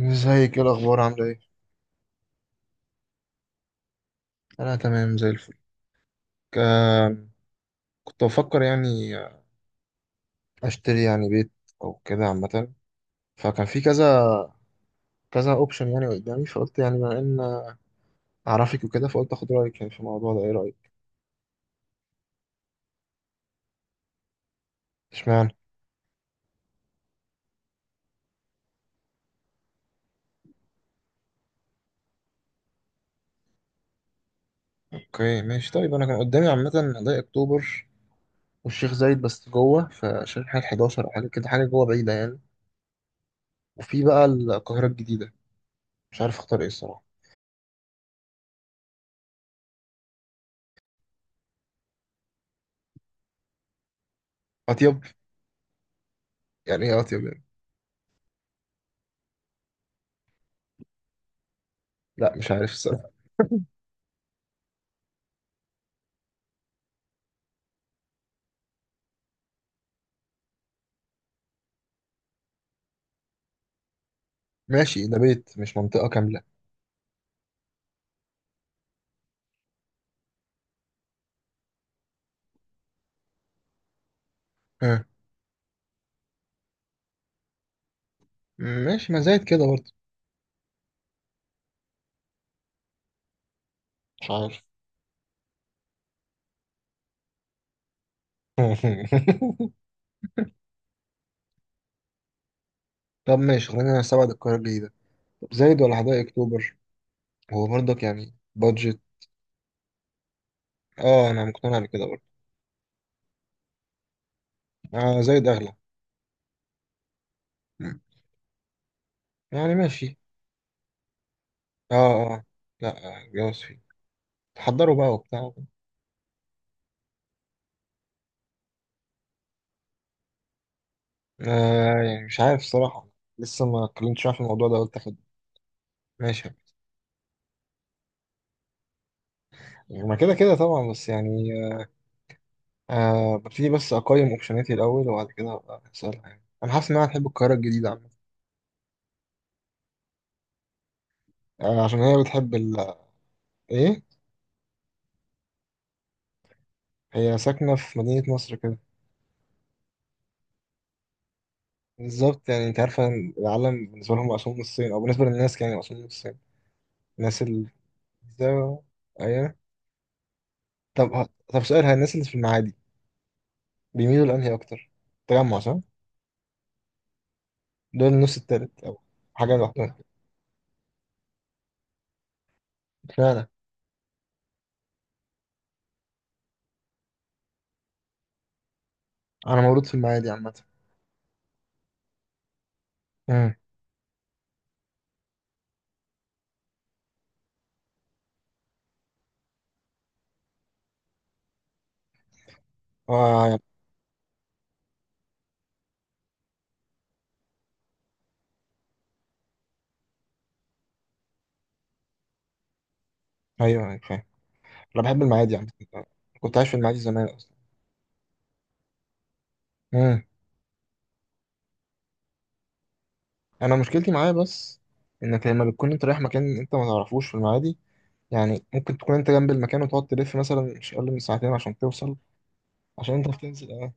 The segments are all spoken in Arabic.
ازيك؟ ايه الاخبار؟ عامله ايه؟ انا تمام زي الفل. ك- كنت بفكر يعني اشتري يعني بيت او كده عامه. فكان في كذا اوبشن يعني قدامي، فقلت يعني بما ان اعرفك وكده فقلت اخد رايك يعني في الموضوع ده. ايه رايك؟ اشمعنى؟ اوكي، ماشي. طيب انا كان قدامي عامه ضيق اكتوبر والشيخ زايد، بس جوه في شارع حاجه 11 او حاجه كده، حاجه جوه بعيده يعني. وفي بقى القاهره الجديده. مش عارف اختار ايه الصراحه. اطيب؟ يعني ايه اطيب يعني؟ لا مش عارف الصراحه. ماشي، ده بيت مش منطقه كامله. ماشي، ما زايد كده برضه. مش عارف. طب ماشي، خلينا نستبعد القرار الجديد ده. طب زايد ولا حدائق اكتوبر؟ هو برضك يعني بادجت. اه انا مقتنع بكده برضه. آه زايد اغلى. مم. يعني ماشي. اه. اه. لا جواز فيه. تحضروا بقى وبتاع. آه يعني مش عارف الصراحة، لسه ما اتكلمتش معاه في الموضوع ده، قلت اخد. ماشي، يعني ما كده كده طبعا، بس يعني آه ببتدي بس اقيم اوبشناتي الاول وبعد كده ابقى اسالها. يعني انا حاسس انها هتحب القاهرة الجديدة عامة. آه عشان هي بتحب ال... ايه. هي ساكنة في مدينة نصر كده. بالظبط. يعني انت عارفة ان العالم بالنسبة لهم مقسوم نصين، او بالنسبة للناس يعني مقسوم نصين. الناس ال... ده- ايوه. طب طب سؤال، هي الناس اللي في المعادي بيميلوا لأنهي أكتر؟ تجمع صح؟ دول النص التالت أو حاجة لوحدهم. فعلا. أنا مولود في المعادي عامة. امم. آه. أيوه، فاهم. أنا بحب المعادي عامة. كنت عايش في المعادي زمان أصلا. امم. أنا مشكلتي معاه بس إنك لما بتكون أنت رايح مكان أنت ما تعرفوش في المعادي، يعني ممكن تكون انت جنب المكان وتقعد تلف مثلا مش اقل من ساعتين عشان توصل. عشان انت بتنزل، اه.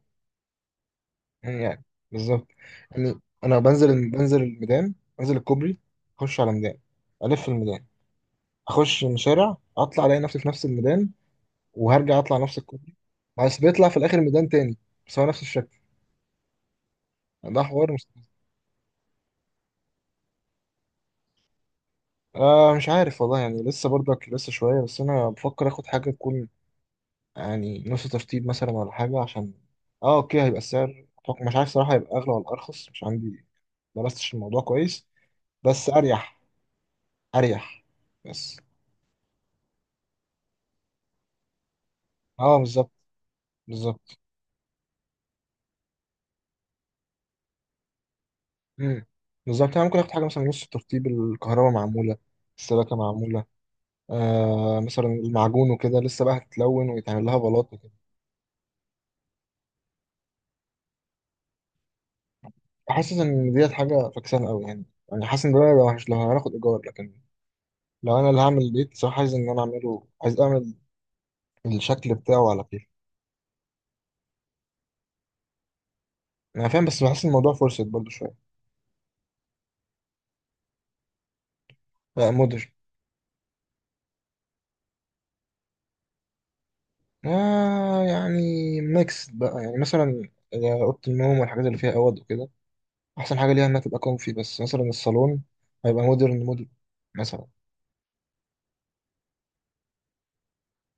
يعني يعني بالظبط يعني. انا بنزل الميدان، بنزل الكوبري، اخش على ميدان، الف الميدان، اخش من شارع، اطلع الاقي نفسي في نفس الميدان، وهرجع اطلع نفس الكوبري. بس بيطلع في الاخر ميدان تاني، بس هو نفس الشكل. ده حوار مستفز. آه مش عارف والله، يعني لسه برضك لسه شويه. بس انا بفكر اخد حاجه تكون يعني نص ترتيب مثلا ولا حاجة، عشان اه اوكي، هيبقى السعر أتوقع... مش عارف صراحة هيبقى أغلى ولا أرخص، مش عندي درستش الموضوع كويس. بس أريح. أريح بس. اه بالظبط. بالظبط. مم. بالظبط. يعني ممكن آخد حاجة مثلا نص ترتيب، الكهرباء معمولة، السباكة معمولة، آه مثلا المعجون وكده لسه بقى، هتتلون ويتعمل لها بلاط وكده. حاسس إن ديت حاجة فكسانة أوي يعني، يعني حاسس إن ده هيبقى وحش لو هناخد إيجار. لكن لو أنا اللي هعمل البيت صراحة، عايز إن أنا أعمله، عايز أعمل الشكل بتاعه على... انا فاهم، بس بحس الموضوع فرصة برضو شويه. بقى مودرن. آه يعني ميكس بقى، يعني مثلا اوضه النوم والحاجات اللي فيها اوض وكده احسن حاجه ليها انها تبقى كومفي، بس مثلا الصالون هيبقى مودرن مودرن مثلا.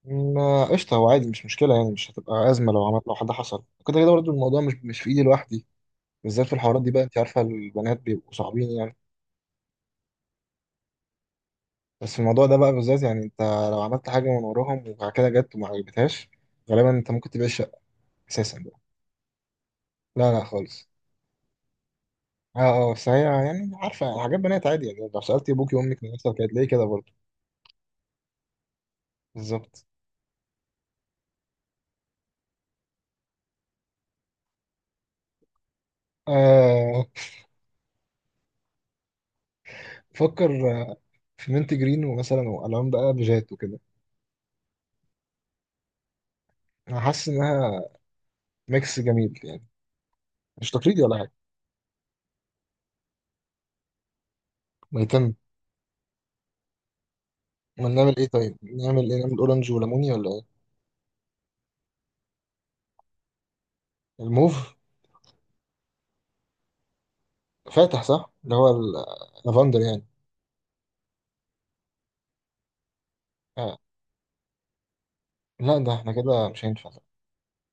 ما قشطه، هو عادي مش مشكله. يعني مش هتبقى ازمه لو عملت، لو حد حصل كده كده برضو الموضوع مش في ايدي لوحدي. بالذات في الحوارات دي بقى، انت عارفه البنات بيبقوا صعبين يعني. بس في الموضوع ده بقى بالذات يعني انت لو عملت حاجه من وراهم وبعد كده جت وما عجبتهاش، غالبا انت ممكن تبيع الشقه اساسا بقى. لا لا خالص. اه. اه بس هي يعني عارفة حاجات بنات عادي، يعني لو سألتي أبوكي وأمك من نفسك هتلاقيه كده برضه. بالظبط. آه فكر. آه، في مينت جرين ومثلا، وألوان بقى بيجات وكده. أنا حاسس إنها ميكس جميل يعني، مش تقليدي ولا حاجة. ميتم؟ ما نعمل إيه؟ طيب نعمل إيه؟ نعمل أورنج وليموني ولا إيه؟ الموف فاتح صح، اللي هو اللافندر يعني. آه. لا ده إحنا كده مش هينفع.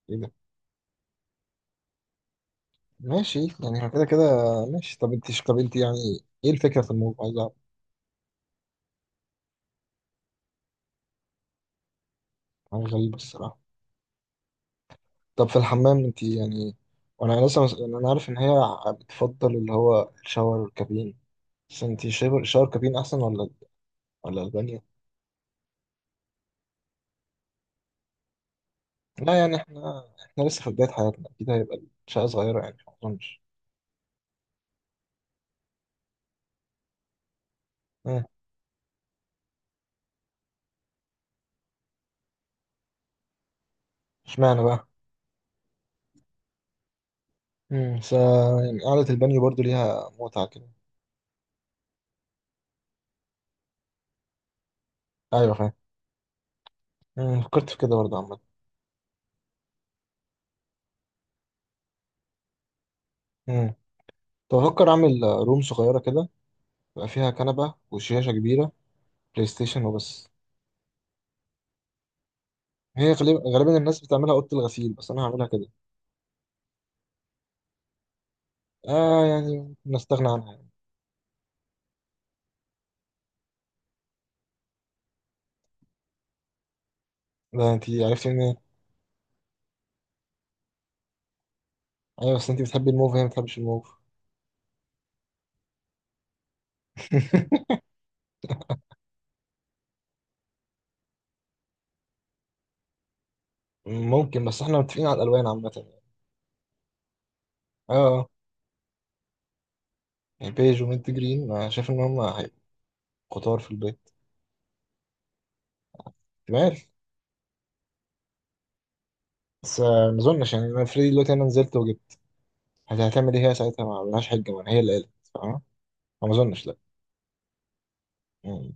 إيه ده؟ ماشي، يعني إحنا كده كده. ماشي. طب أنت، طب أنت يعني إيه الفكرة في الموف؟ عايز أعرف. أنا غريب الصراحة. طب في الحمام انت يعني، وانا يعني انا عارف ان هي بتفضل اللي هو الشاور والكابين. بس انت شاور كابين احسن ولا ولا البانيو؟ لا يعني احنا لسه في بداية حياتنا، اكيد هيبقى الشقة صغيرة يعني، ما اظنش. اه. اشمعنى بقى؟ امم س... يعني قعدة البانيو برضو ليها متعة كده. ايوه، فاهم. فكرت في كده برضه عامة. امم. كنت بفكر اعمل روم صغيرة كده، يبقى فيها كنبة وشاشة كبيرة، بلاي ستيشن وبس. هي غالبا الناس بتعملها أوضة الغسيل، بس انا هعملها كده. اه يعني نستغنى عنها. ده انت عرفتي ان... ايوه بس انت بتحبي الموف وهي ما بتحبش الموف. ممكن، بس احنا متفقين على الالوان عامه يعني. اه. اه. يعني بيج ومنت جرين، شايف ان هم هيبقوا خطار في البيت. تمام. بس ما اظنش. يعني انا فريدي دلوقتي انا نزلت وجبت. هتعمل ايه هي ساعتها؟ ما عملهاش حجه، ما هي اللي قالت، فاهمة؟ ما اظنش لا. مم.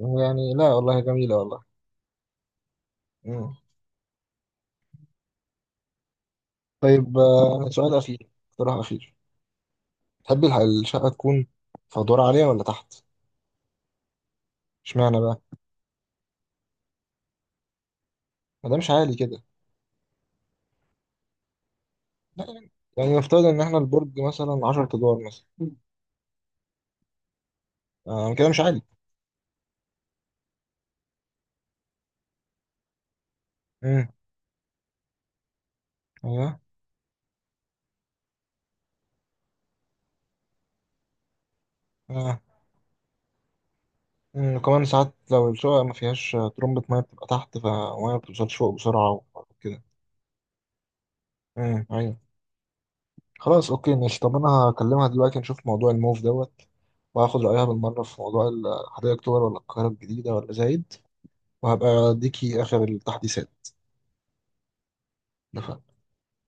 يعني لا والله جميله والله. مم. طيب، سؤال اخير، اقتراح اخير. تحبي الشقه تكون في ادوار عاليه ولا تحت؟ اشمعنى بقى؟ ما دامش عالي كده. لا، يعني يعني نفترض ان احنا البرج مثلا 10 ادوار مثلا. آه كده مش عالي. امم. ايوه. آه. أمم، وكمان ساعات لو الشقة ما فيهاش ترمبة مية بتبقى تحت، فالمية ما بتوصلش فوق بسرعة وكده. امم. ايوه. خلاص، اوكي، ماشي. طب انا هكلمها دلوقتي نشوف موضوع الموف دوت، وهاخد رأيها بالمرة في موضوع حدائق اكتوبر ولا القاهرة الجديدة ولا زايد. وهبقى اديكي اخر التحديثات. اتفقنا؟